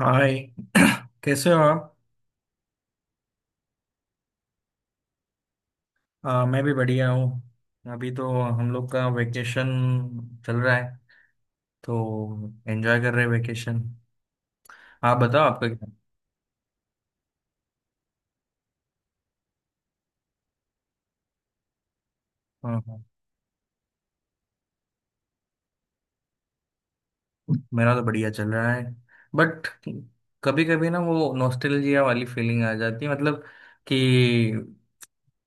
हाय। कैसे हो आप। मैं भी बढ़िया हूँ। अभी तो हम लोग का वेकेशन चल रहा है। तो एंजॉय कर रहे हैं वेकेशन। आप बताओ आपका क्या। हाँ हाँ। मेरा तो बढ़िया चल रहा है। बट कभी कभी ना वो नॉस्टैल्जिया वाली फीलिंग आ जाती है। मतलब कि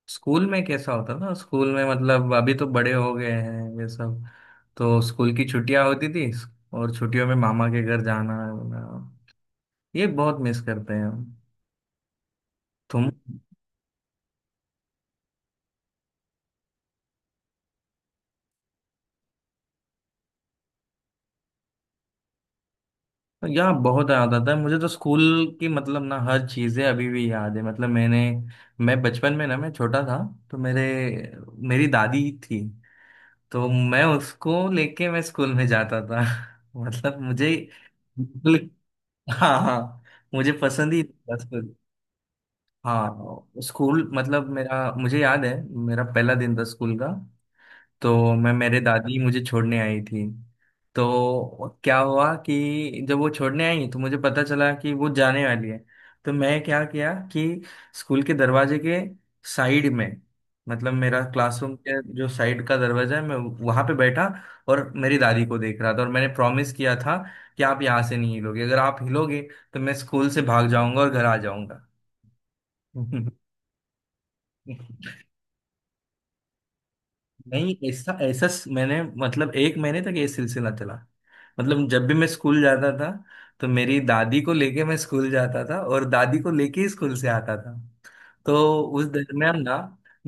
स्कूल में कैसा होता ना, स्कूल में मतलब अभी तो बड़े हो गए हैं ये सब। तो स्कूल की छुट्टियां होती थी और छुट्टियों में मामा के घर जाना, ये बहुत मिस करते हैं हम। तुम। यार बहुत याद आता है मुझे तो स्कूल की। मतलब ना हर चीजें अभी भी याद है। मतलब मैं बचपन में ना, मैं छोटा था। तो मेरे मेरी दादी थी, तो मैं उसको लेके मैं स्कूल में जाता था। मतलब मुझे बिल्कुल- हाँ हाँ, मुझे पसंद ही था स्कूल। हाँ, स्कूल मतलब मेरा, मुझे याद है मेरा पहला दिन था स्कूल का। तो मैं मेरे दादी मुझे छोड़ने आई थी। तो क्या हुआ कि जब वो छोड़ने आई तो मुझे पता चला कि वो जाने वाली है। तो मैं क्या किया कि स्कूल के दरवाजे के साइड में, मतलब मेरा क्लासरूम के जो साइड का दरवाजा है, मैं वहां पे बैठा और मेरी दादी को देख रहा था, और मैंने प्रॉमिस किया था कि आप यहाँ से नहीं हिलोगे, अगर आप हिलोगे तो मैं स्कूल से भाग जाऊंगा और घर आ जाऊंगा। नहीं, ऐसा ऐसा मैंने, मतलब, एक महीने तक ये सिलसिला चला। मतलब जब भी मैं स्कूल जाता था तो मेरी दादी को लेके मैं स्कूल जाता था, और दादी को लेके ही स्कूल से आता था। तो उस दरमियान ना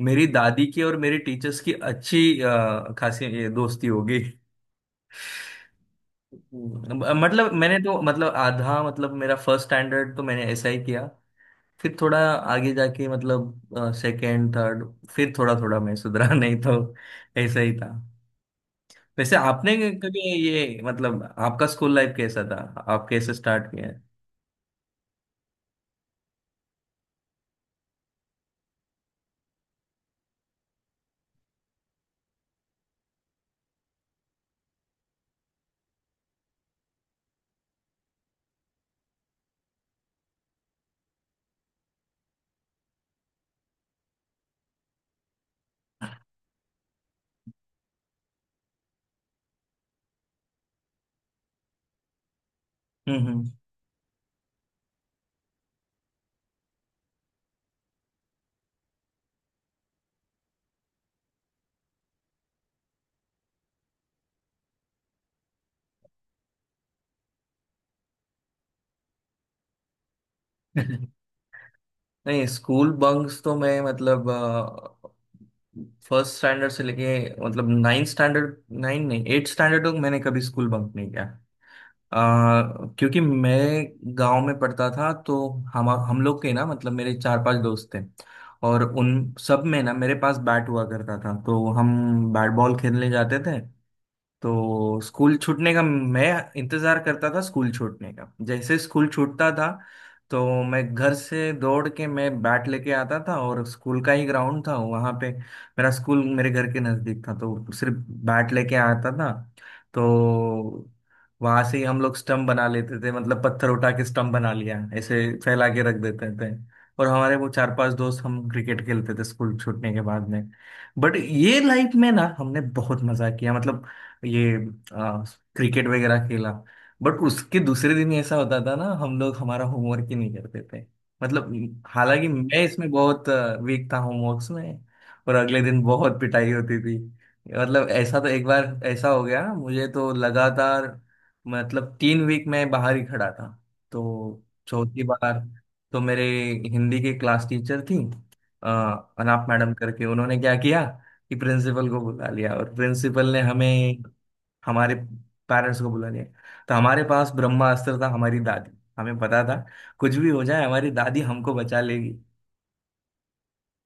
मेरी दादी की और मेरे टीचर्स की अच्छी खासी ये दोस्ती होगी। मतलब मैंने तो मतलब आधा मतलब मेरा फर्स्ट स्टैंडर्ड तो मैंने ऐसा ही किया। फिर थोड़ा आगे जाके मतलब सेकेंड थर्ड, फिर थोड़ा थोड़ा मैं सुधरा। नहीं तो ऐसा ही था। वैसे आपने कभी ये, मतलब, आपका स्कूल लाइफ कैसा था। आप कैसे स्टार्ट किया है। हम्म हम्म। नहीं, स्कूल बंक्स तो मैं, मतलब, फर्स्ट स्टैंडर्ड से लेके मतलब नाइन्थ स्टैंडर्ड, नाइन नहीं, एट स्टैंडर्ड तक मैंने कभी स्कूल बंक नहीं किया। क्योंकि मैं गांव में पढ़ता था। तो हम लोग के ना मतलब मेरे चार पांच दोस्त थे, और उन सब में ना मेरे पास बैट हुआ करता था। तो हम बैट बॉल खेलने जाते थे। तो स्कूल छूटने का मैं इंतजार करता था स्कूल छूटने का। जैसे स्कूल छूटता था तो मैं घर से दौड़ के मैं बैट लेके आता था, और स्कूल का ही ग्राउंड था वहाँ पे, मेरा स्कूल मेरे घर के नज़दीक था तो सिर्फ बैट लेके आता था। तो वहाँ से ही हम लोग स्टंप बना लेते थे, मतलब पत्थर उठा के स्टंप बना लिया ऐसे फैला के रख देते थे, और हमारे वो चार पांच दोस्त हम क्रिकेट खेलते थे स्कूल छूटने के बाद में। बट ये लाइफ में ना हमने बहुत मजा किया, मतलब ये आ, क्रिकेट वगैरह खेला। बट उसके दूसरे दिन ऐसा होता था ना, हम लोग हमारा होमवर्क ही नहीं करते थे। मतलब हालांकि मैं इसमें बहुत वीक था होमवर्क्स में, और अगले दिन बहुत पिटाई होती थी। मतलब ऐसा तो एक बार ऐसा हो गया, मुझे तो लगातार मतलब 3 वीक मैं बाहर ही खड़ा था। तो चौथी बार तो मेरे हिंदी के क्लास टीचर थी, अ, अनाप मैडम करके, उन्होंने क्या किया कि प्रिंसिपल को बुला लिया, और प्रिंसिपल ने हमें, हमारे पेरेंट्स को बुला लिया। तो हमारे पास ब्रह्मास्त्र था, हमारी दादी। हमें पता था कुछ भी हो जाए हमारी दादी हमको बचा लेगी।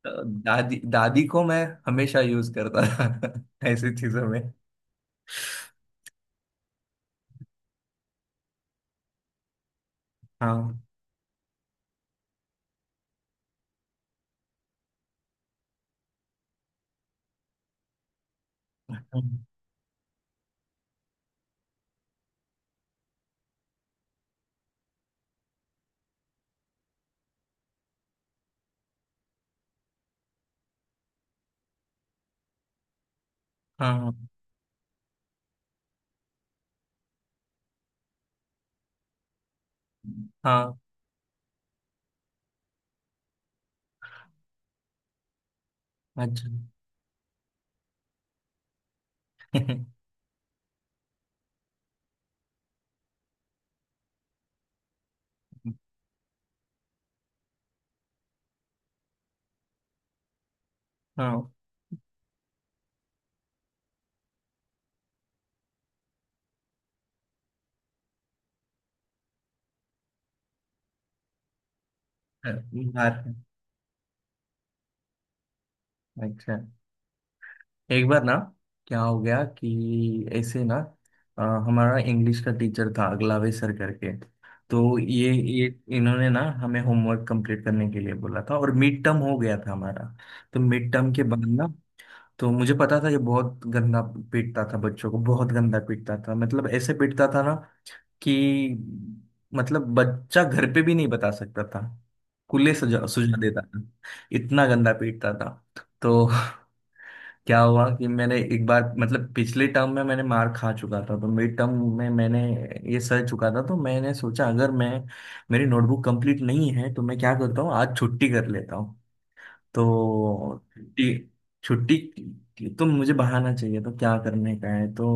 तो दादी दादी को मैं हमेशा यूज करता था ऐसी चीजों में। हाँ हाँ हाँ हाँ, अच्छा। हाँ, मार। अच्छा, एक बार ना क्या हो गया कि ऐसे ना, अ, हमारा इंग्लिश का टीचर था अगलावे सर करके। तो ये इन्होंने ना हमें होमवर्क कंप्लीट करने के लिए बोला था, और मिड टर्म हो गया था हमारा। तो मिड टर्म के बाद ना, तो मुझे पता था ये बहुत गंदा पीटता था बच्चों को, बहुत गंदा पीटता था। मतलब ऐसे पीटता था ना कि, मतलब, बच्चा घर पे भी नहीं बता सकता था। कुल्ले सजा सुझा देता था, इतना गंदा पीटता था। तो क्या हुआ कि मैंने एक बार, मतलब, पिछले टर्म में मैंने मार खा चुका था, तो मिड टर्म में मैंने ये सह चुका था। तो मैंने सोचा अगर मैं, मेरी नोटबुक कंप्लीट नहीं है तो मैं क्या करता हूँ, आज छुट्टी कर लेता हूँ। तो छुट्टी छुट्टी तो मुझे बहाना चाहिए, तो क्या करने का है। तो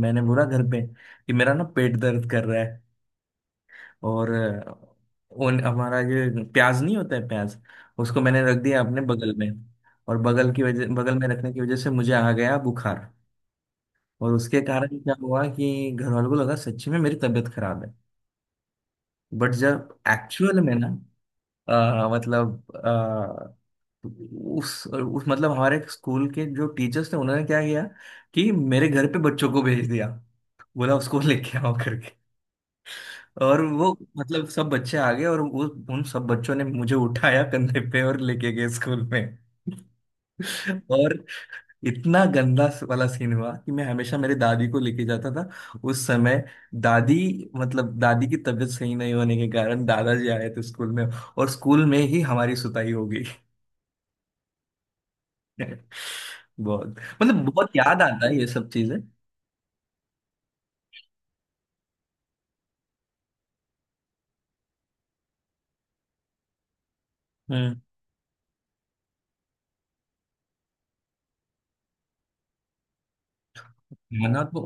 मैंने बोला घर पे कि मेरा ना पेट दर्द कर रहा है, और उन हमारा ये प्याज नहीं होता है प्याज, उसको मैंने रख दिया अपने बगल में। और बगल में रखने की वजह से मुझे आ गया बुखार, और उसके कारण क्या हुआ कि घर वालों को लगा सच्ची में मेरी तबीयत खराब है। बट जब एक्चुअल में ना, मतलब उस मतलब हमारे स्कूल के जो टीचर्स थे, उन्होंने क्या किया कि मेरे घर पे बच्चों को भेज दिया, बोला उसको लेके आओ करके। और वो, मतलब, सब बच्चे आ गए, और वो उन सब बच्चों ने मुझे उठाया कंधे पे और लेके गए स्कूल में। और इतना गंदा वाला सीन हुआ कि, मैं हमेशा मेरे दादी को लेके जाता था, उस समय दादी, मतलब दादी की तबीयत सही नहीं होने के कारण दादाजी आए थे स्कूल में, और स्कूल में ही हमारी सुताई हो गई। बहुत, मतलब, बहुत याद आता है ये सब चीजें। हम्म, है ना तो।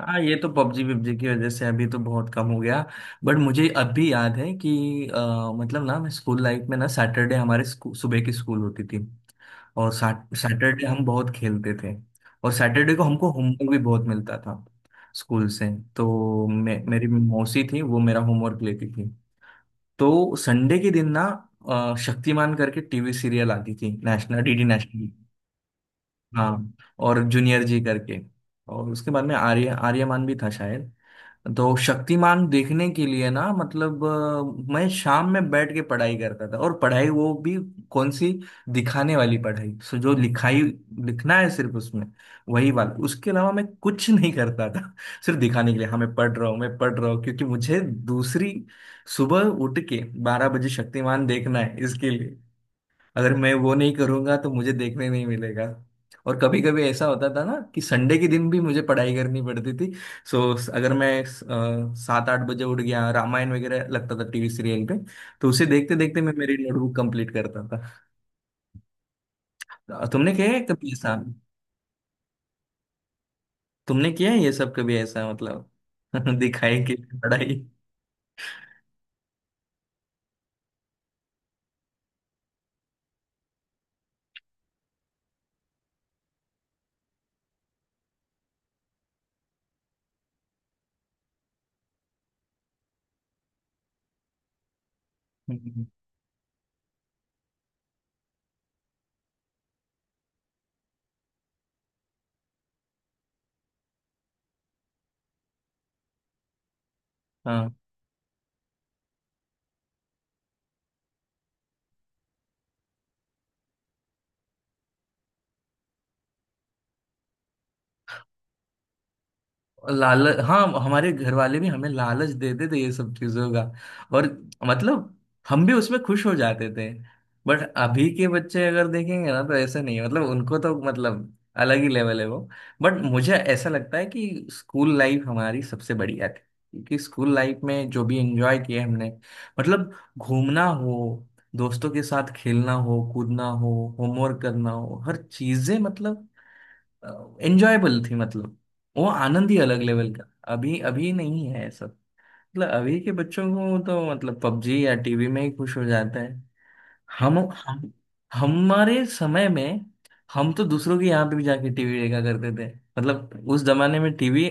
हाँ, ये तो पबजी पबजी की वजह से अभी तो बहुत कम हो गया। बट मुझे अब भी याद है कि, मतलब ना, मैं स्कूल लाइफ में ना सैटरडे हमारे सुबह की स्कूल होती थी, और सैटरडे हम बहुत खेलते थे। और सैटरडे को हमको होमवर्क भी बहुत मिलता था स्कूल से। तो मेरी मौसी थी, वो मेरा होमवर्क लेती थी। तो संडे के दिन ना, शक्तिमान करके टीवी सीरियल आती थी, नेशनल डीडी नेशनल। हाँ, और जूनियर जी करके, और उसके बाद में आर्यमान भी था शायद। तो शक्तिमान देखने के लिए ना, मतलब, मैं शाम में बैठ के पढ़ाई करता था, और पढ़ाई वो भी कौन सी, दिखाने वाली पढ़ाई, सो जो लिखाई लिखना है सिर्फ उसमें, वही वाला, उसके अलावा मैं कुछ नहीं करता था। सिर्फ दिखाने के लिए, हाँ मैं पढ़ रहा हूँ मैं पढ़ रहा हूँ, क्योंकि मुझे दूसरी सुबह उठ के 12 बजे शक्तिमान देखना है, इसके लिए, अगर मैं वो नहीं करूंगा तो मुझे देखने नहीं मिलेगा। और कभी कभी ऐसा होता था ना कि संडे के दिन भी मुझे पढ़ाई करनी पड़ती थी। सो अगर मैं 7-8 बजे उठ गया, रामायण वगैरह लगता था टीवी सीरियल पे, तो उसे देखते देखते मैं मेरी नोटबुक कंप्लीट करता था। तुमने किया है कभी ऐसा। तुमने किया है ये सब कभी ऐसा, मतलब, दिखाई कि पढ़ाई। हम्म, हाँ, लालच, हाँ हमारे घर वाले भी हमें लालच देते थे ये सब चीजों का। और, मतलब, हम भी उसमें खुश हो जाते थे। बट अभी के बच्चे अगर देखेंगे ना तो ऐसा नहीं है, मतलब उनको तो मतलब अलग ही लेवल है वो। बट मुझे ऐसा लगता है कि स्कूल लाइफ हमारी सबसे बढ़िया थी, क्योंकि स्कूल लाइफ में जो भी एंजॉय किया हमने, मतलब, घूमना हो, दोस्तों के साथ खेलना हो, कूदना हो, होमवर्क करना हो, हर चीजें मतलब एंजॉयबल थी। मतलब वो आनंद ही अलग लेवल का, अभी अभी नहीं है ऐसा। मतलब अभी के बच्चों को तो मतलब पबजी या टीवी में ही खुश हो जाता है। हम हम हमारे समय में हम तो दूसरों के यहाँ पे भी जाके टीवी देखा करते थे, मतलब उस जमाने में टीवी,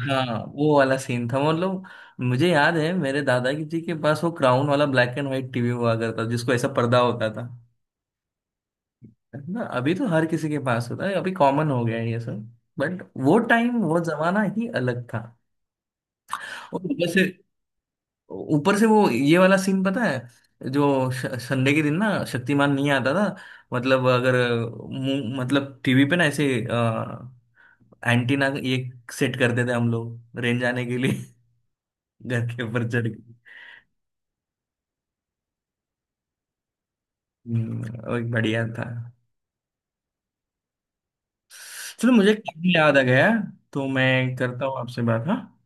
हाँ, वो वाला सीन था, मतलब, मुझे याद है मेरे दादाजी जी के पास वो क्राउन वाला ब्लैक एंड व्हाइट टीवी हुआ करता जिसको ऐसा पर्दा होता था, है ना। अभी तो हर किसी के पास होता है, अभी कॉमन हो गया है ये सब। बट वो टाइम, वो जमाना ही अलग था। और ऊपर से वो ये वाला सीन पता है, जो संडे के दिन ना शक्तिमान नहीं आता था। मतलब अगर मतलब टीवी पे ना ऐसे एंटीना ये सेट करते थे हम लोग रेंज आने के लिए, घर के ऊपर चढ़ के। और बढ़िया था। चलो, मुझे काफी याद आ गया। तो मैं करता हूँ आपसे बात। हाँ।